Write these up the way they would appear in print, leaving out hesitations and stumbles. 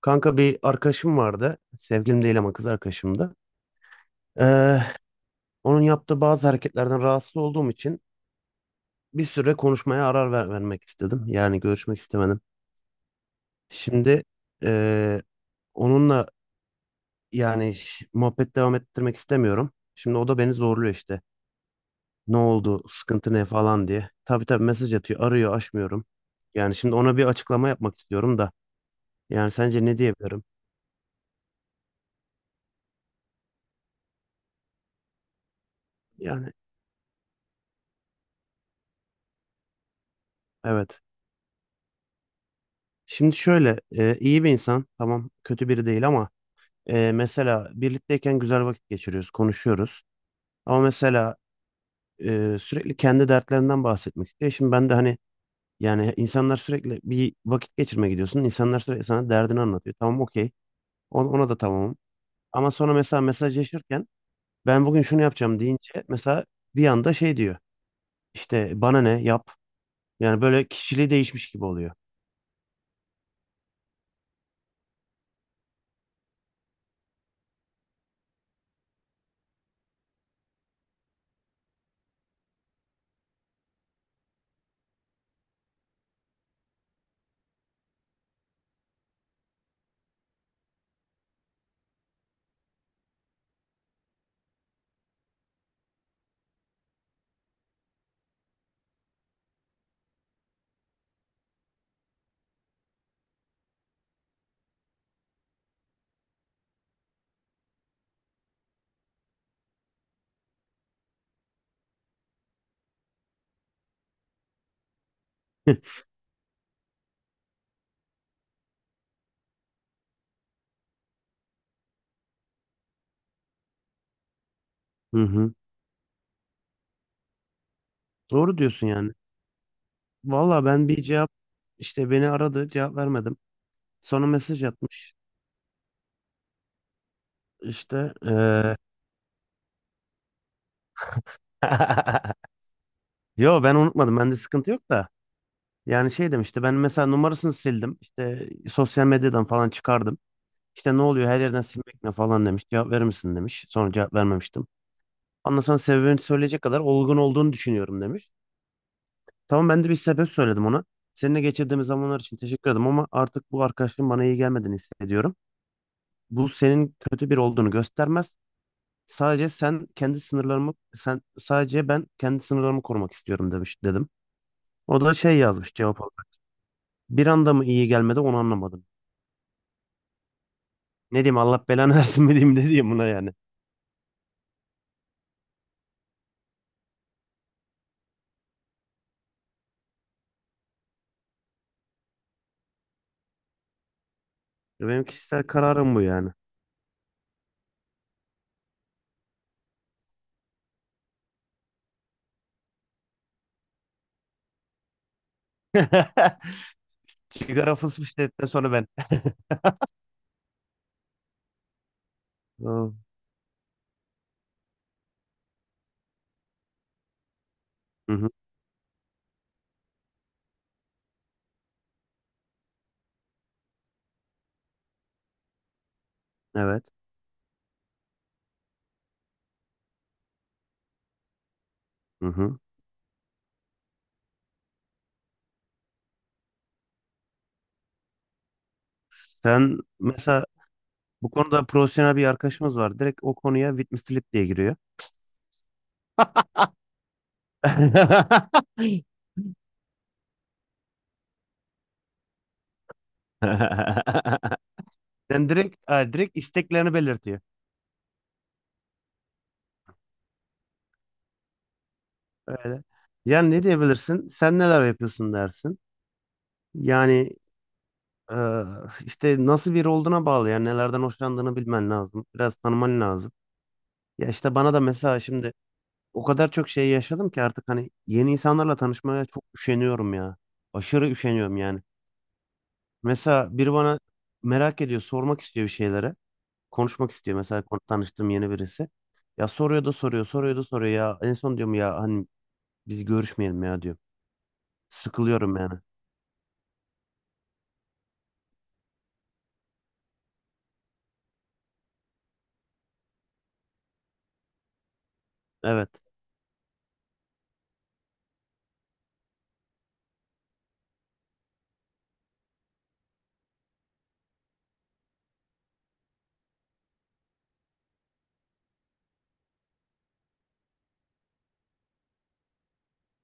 Kanka bir arkadaşım vardı. Sevgilim değil ama kız arkadaşımdı. Ee, Onun yaptığı bazı hareketlerden rahatsız olduğum için bir süre konuşmaya arar vermek istedim. Yani görüşmek istemedim. Şimdi ee, onunla yani muhabbet devam ettirmek istemiyorum. Şimdi o da beni zorluyor işte. Ne oldu? Sıkıntı ne falan diye. Tabii tabii mesaj atıyor. Arıyor, açmıyorum. Yani şimdi ona bir açıklama yapmak istiyorum da. Yani sence ne diyebilirim? Yani evet. Şimdi şöyle iyi bir insan. Tamam kötü biri değil ama mesela birlikteyken güzel vakit geçiriyoruz, konuşuyoruz. Ama mesela sürekli kendi dertlerinden bahsetmek istiyor. Şimdi ben de hani yani insanlar sürekli bir vakit geçirmeye gidiyorsun. İnsanlar sürekli sana derdini anlatıyor. Tamam okey. Ona da tamamım. Ama sonra mesela mesajlaşırken ben bugün şunu yapacağım deyince mesela bir anda şey diyor. İşte bana ne yap. Yani böyle kişiliği değişmiş gibi oluyor. Hı hı. Doğru diyorsun yani. Valla ben bir cevap işte beni aradı, cevap vermedim. Sonra mesaj atmış. İşte yo ben unutmadım. Bende sıkıntı yok da. Yani şey demişti, ben mesela numarasını sildim. İşte sosyal medyadan falan çıkardım. İşte ne oluyor her yerden silmek ne falan demiş. Cevap verir misin demiş. Sonra cevap vermemiştim. Ondan sonra sebebini söyleyecek kadar olgun olduğunu düşünüyorum demiş. Tamam ben de bir sebep söyledim ona. Seninle geçirdiğimiz zamanlar için teşekkür ederim ama artık bu arkadaşlığın bana iyi gelmediğini hissediyorum. Bu senin kötü biri olduğunu göstermez. Sadece sen kendi sınırlarımı sen sadece ben kendi sınırlarımı korumak istiyorum demiş dedim. O da şey yazmış cevap olarak. Bir anda mı iyi gelmedi onu anlamadım. Ne diyeyim, Allah belanı versin mi diyeyim ne diyeyim buna yani. Benim kişisel kararım bu yani. Sigara fısfışladıktan sonra ben. Hı hı, evet. Hı hı. Sen mesela bu konuda profesyonel bir arkadaşımız var. Direkt o konuya witness slip diye giriyor. Sen direkt isteklerini belirtiyor. Öyle. Yani ne diyebilirsin? Sen neler yapıyorsun dersin. Yani eee, işte nasıl biri olduğuna bağlı. Yani nelerden hoşlandığını bilmen lazım. Biraz tanıman lazım. Ya işte bana da mesela şimdi o kadar çok şey yaşadım ki artık hani yeni insanlarla tanışmaya çok üşeniyorum ya. Aşırı üşeniyorum yani. Mesela biri bana merak ediyor, sormak istiyor bir şeylere. Konuşmak istiyor mesela tanıştığım yeni birisi. Ya soruyor da soruyor, soruyor da soruyor ya. En son diyorum ya hani biz görüşmeyelim ya diyor. Sıkılıyorum yani. Evet.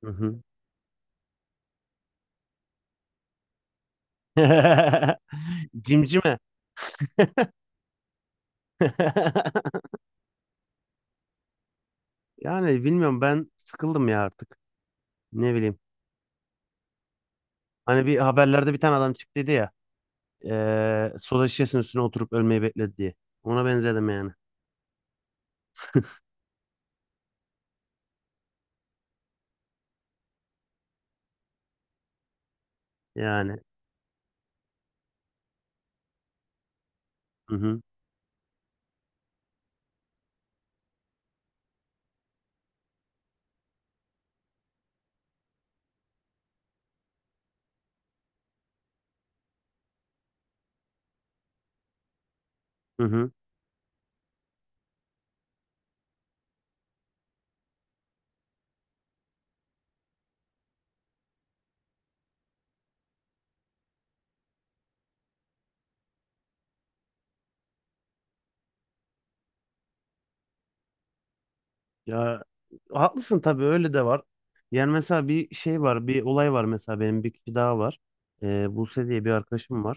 Hı hı. Cimcime. Yani bilmiyorum, ben sıkıldım ya artık. Ne bileyim. Hani bir haberlerde bir tane adam çıktıydı ya. Soda şişesinin üstüne oturup ölmeyi bekledi diye. Ona benzedim yani. Yani. Hı hı. Hı hı. Ya haklısın, tabii öyle de var. Yani mesela bir şey var, bir olay var, mesela benim bir kişi daha var. Buse diye bir arkadaşım var.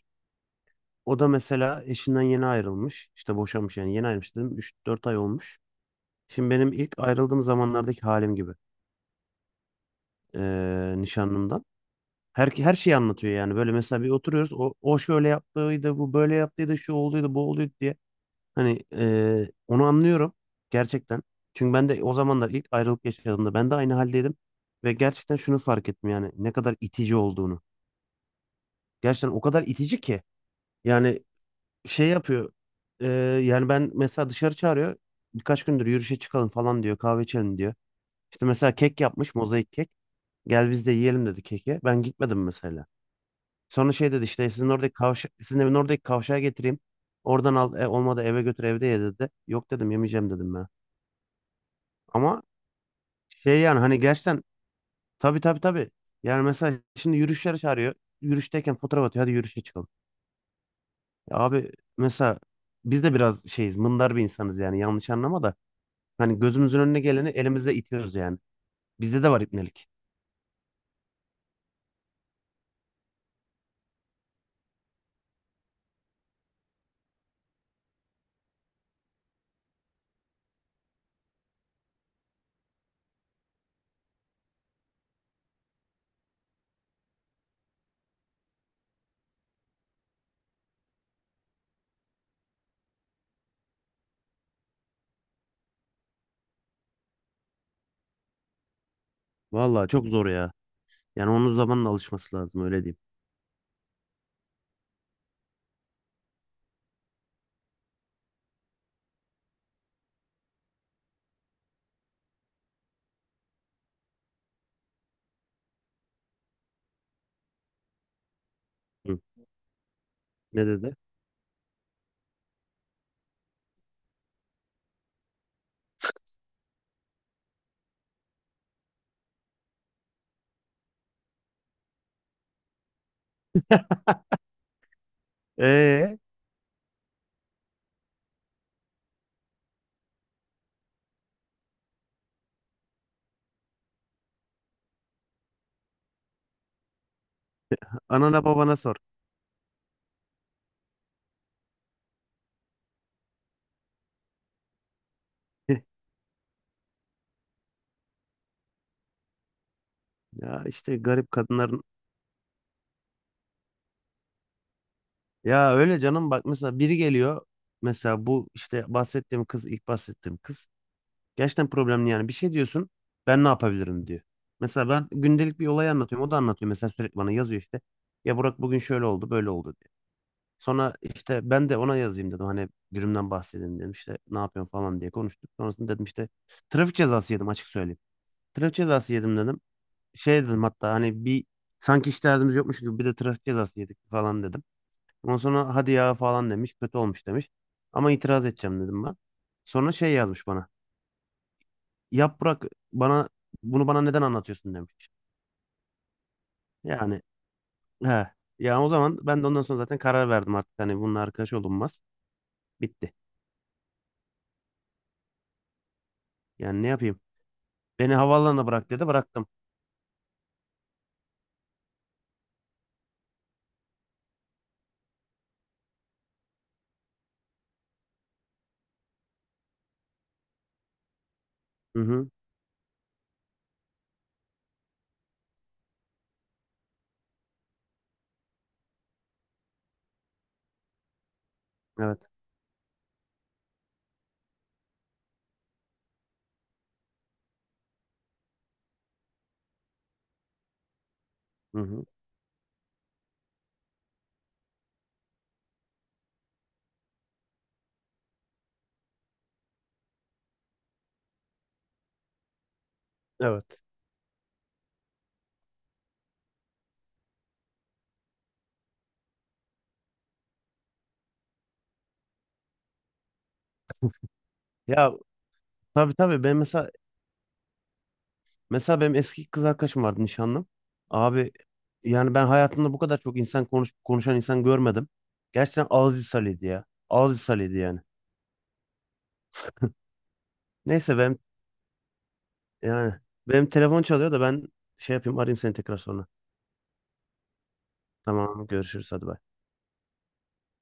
O da mesela eşinden yeni ayrılmış. İşte boşanmış yani yeni ayrılmış dedim. 3-4 ay olmuş. Şimdi benim ilk ayrıldığım zamanlardaki halim gibi, nişanlımdan. Her şeyi anlatıyor yani. Böyle mesela bir oturuyoruz. O şöyle yaptıydı, bu böyle yaptıydı, şu olduydu, bu olduydu diye. Hani onu anlıyorum gerçekten. Çünkü ben de o zamanlar ilk ayrılık yaşadığımda ben de aynı haldeydim. Ve gerçekten şunu fark ettim, yani ne kadar itici olduğunu. Gerçekten o kadar itici ki. Yani şey yapıyor. eee, yani ben mesela dışarı çağırıyor. Birkaç gündür yürüyüşe çıkalım falan diyor, kahve içelim diyor. İşte mesela kek yapmış, mozaik kek. Gel biz de yiyelim dedi keki. Ben gitmedim mesela. Sonra şey dedi, işte sizin evin oradaki kavşağa getireyim. Oradan al, olmadı eve götür evde ye dedi. Yok dedim, yemeyeceğim dedim ben. Ama şey yani hani gerçekten tabii tabii tabii. Yani mesela şimdi yürüyüşlere çağırıyor. Yürüyüşteyken fotoğraf atıyor. Hadi yürüyüşe çıkalım. Ya abi mesela biz de biraz şeyiz, mındar bir insanız yani, yanlış anlama da. Hani gözümüzün önüne geleni elimizle itiyoruz yani. Bizde de var ibnelik. Vallahi çok zor ya. Yani onun zamanla alışması lazım, öyle diyeyim. Hı. Ne dedi? Ee, Anana babana sor. Ya işte garip kadınların, ya öyle canım bak, mesela biri geliyor, mesela bu işte bahsettiğim kız, ilk bahsettiğim kız, gerçekten problemli yani, bir şey diyorsun ben ne yapabilirim diyor. Mesela ben gündelik bir olay anlatıyorum, o da anlatıyor mesela, sürekli bana yazıyor işte ya, Burak bugün şöyle oldu böyle oldu diyor. Sonra işte ben de ona yazayım dedim, hani günümden bahsedeyim dedim, işte ne yapıyorsun falan diye konuştuk. Sonrasında dedim işte, trafik cezası yedim açık söyleyeyim. Trafik cezası yedim dedim. Şey dedim hatta, hani bir, sanki hiç derdimiz yokmuş gibi bir de trafik cezası yedik falan dedim. Ondan sonra hadi ya falan demiş. Kötü olmuş demiş. Ama itiraz edeceğim dedim ben. Sonra şey yazmış bana. Yap bırak bana, bunu bana neden anlatıyorsun demiş. Yani he. Ya o zaman ben de ondan sonra zaten karar verdim artık. Hani bununla arkadaş olunmaz. Bitti. Yani ne yapayım? Beni havaalanına bırak dedi, bıraktım. Hı hı. Evet. Hı hı. Evet. Ya tabii tabii ben mesela. Mesela benim eski kız arkadaşım vardı, nişanlım. Abi yani ben hayatımda bu kadar çok insan konuşan insan görmedim. Gerçekten ağız ishaliydi ya. Ağız ishaliydi yani. Neyse benim, yani benim telefon çalıyor da ben şey yapayım arayayım seni tekrar sonra. Tamam görüşürüz hadi bay.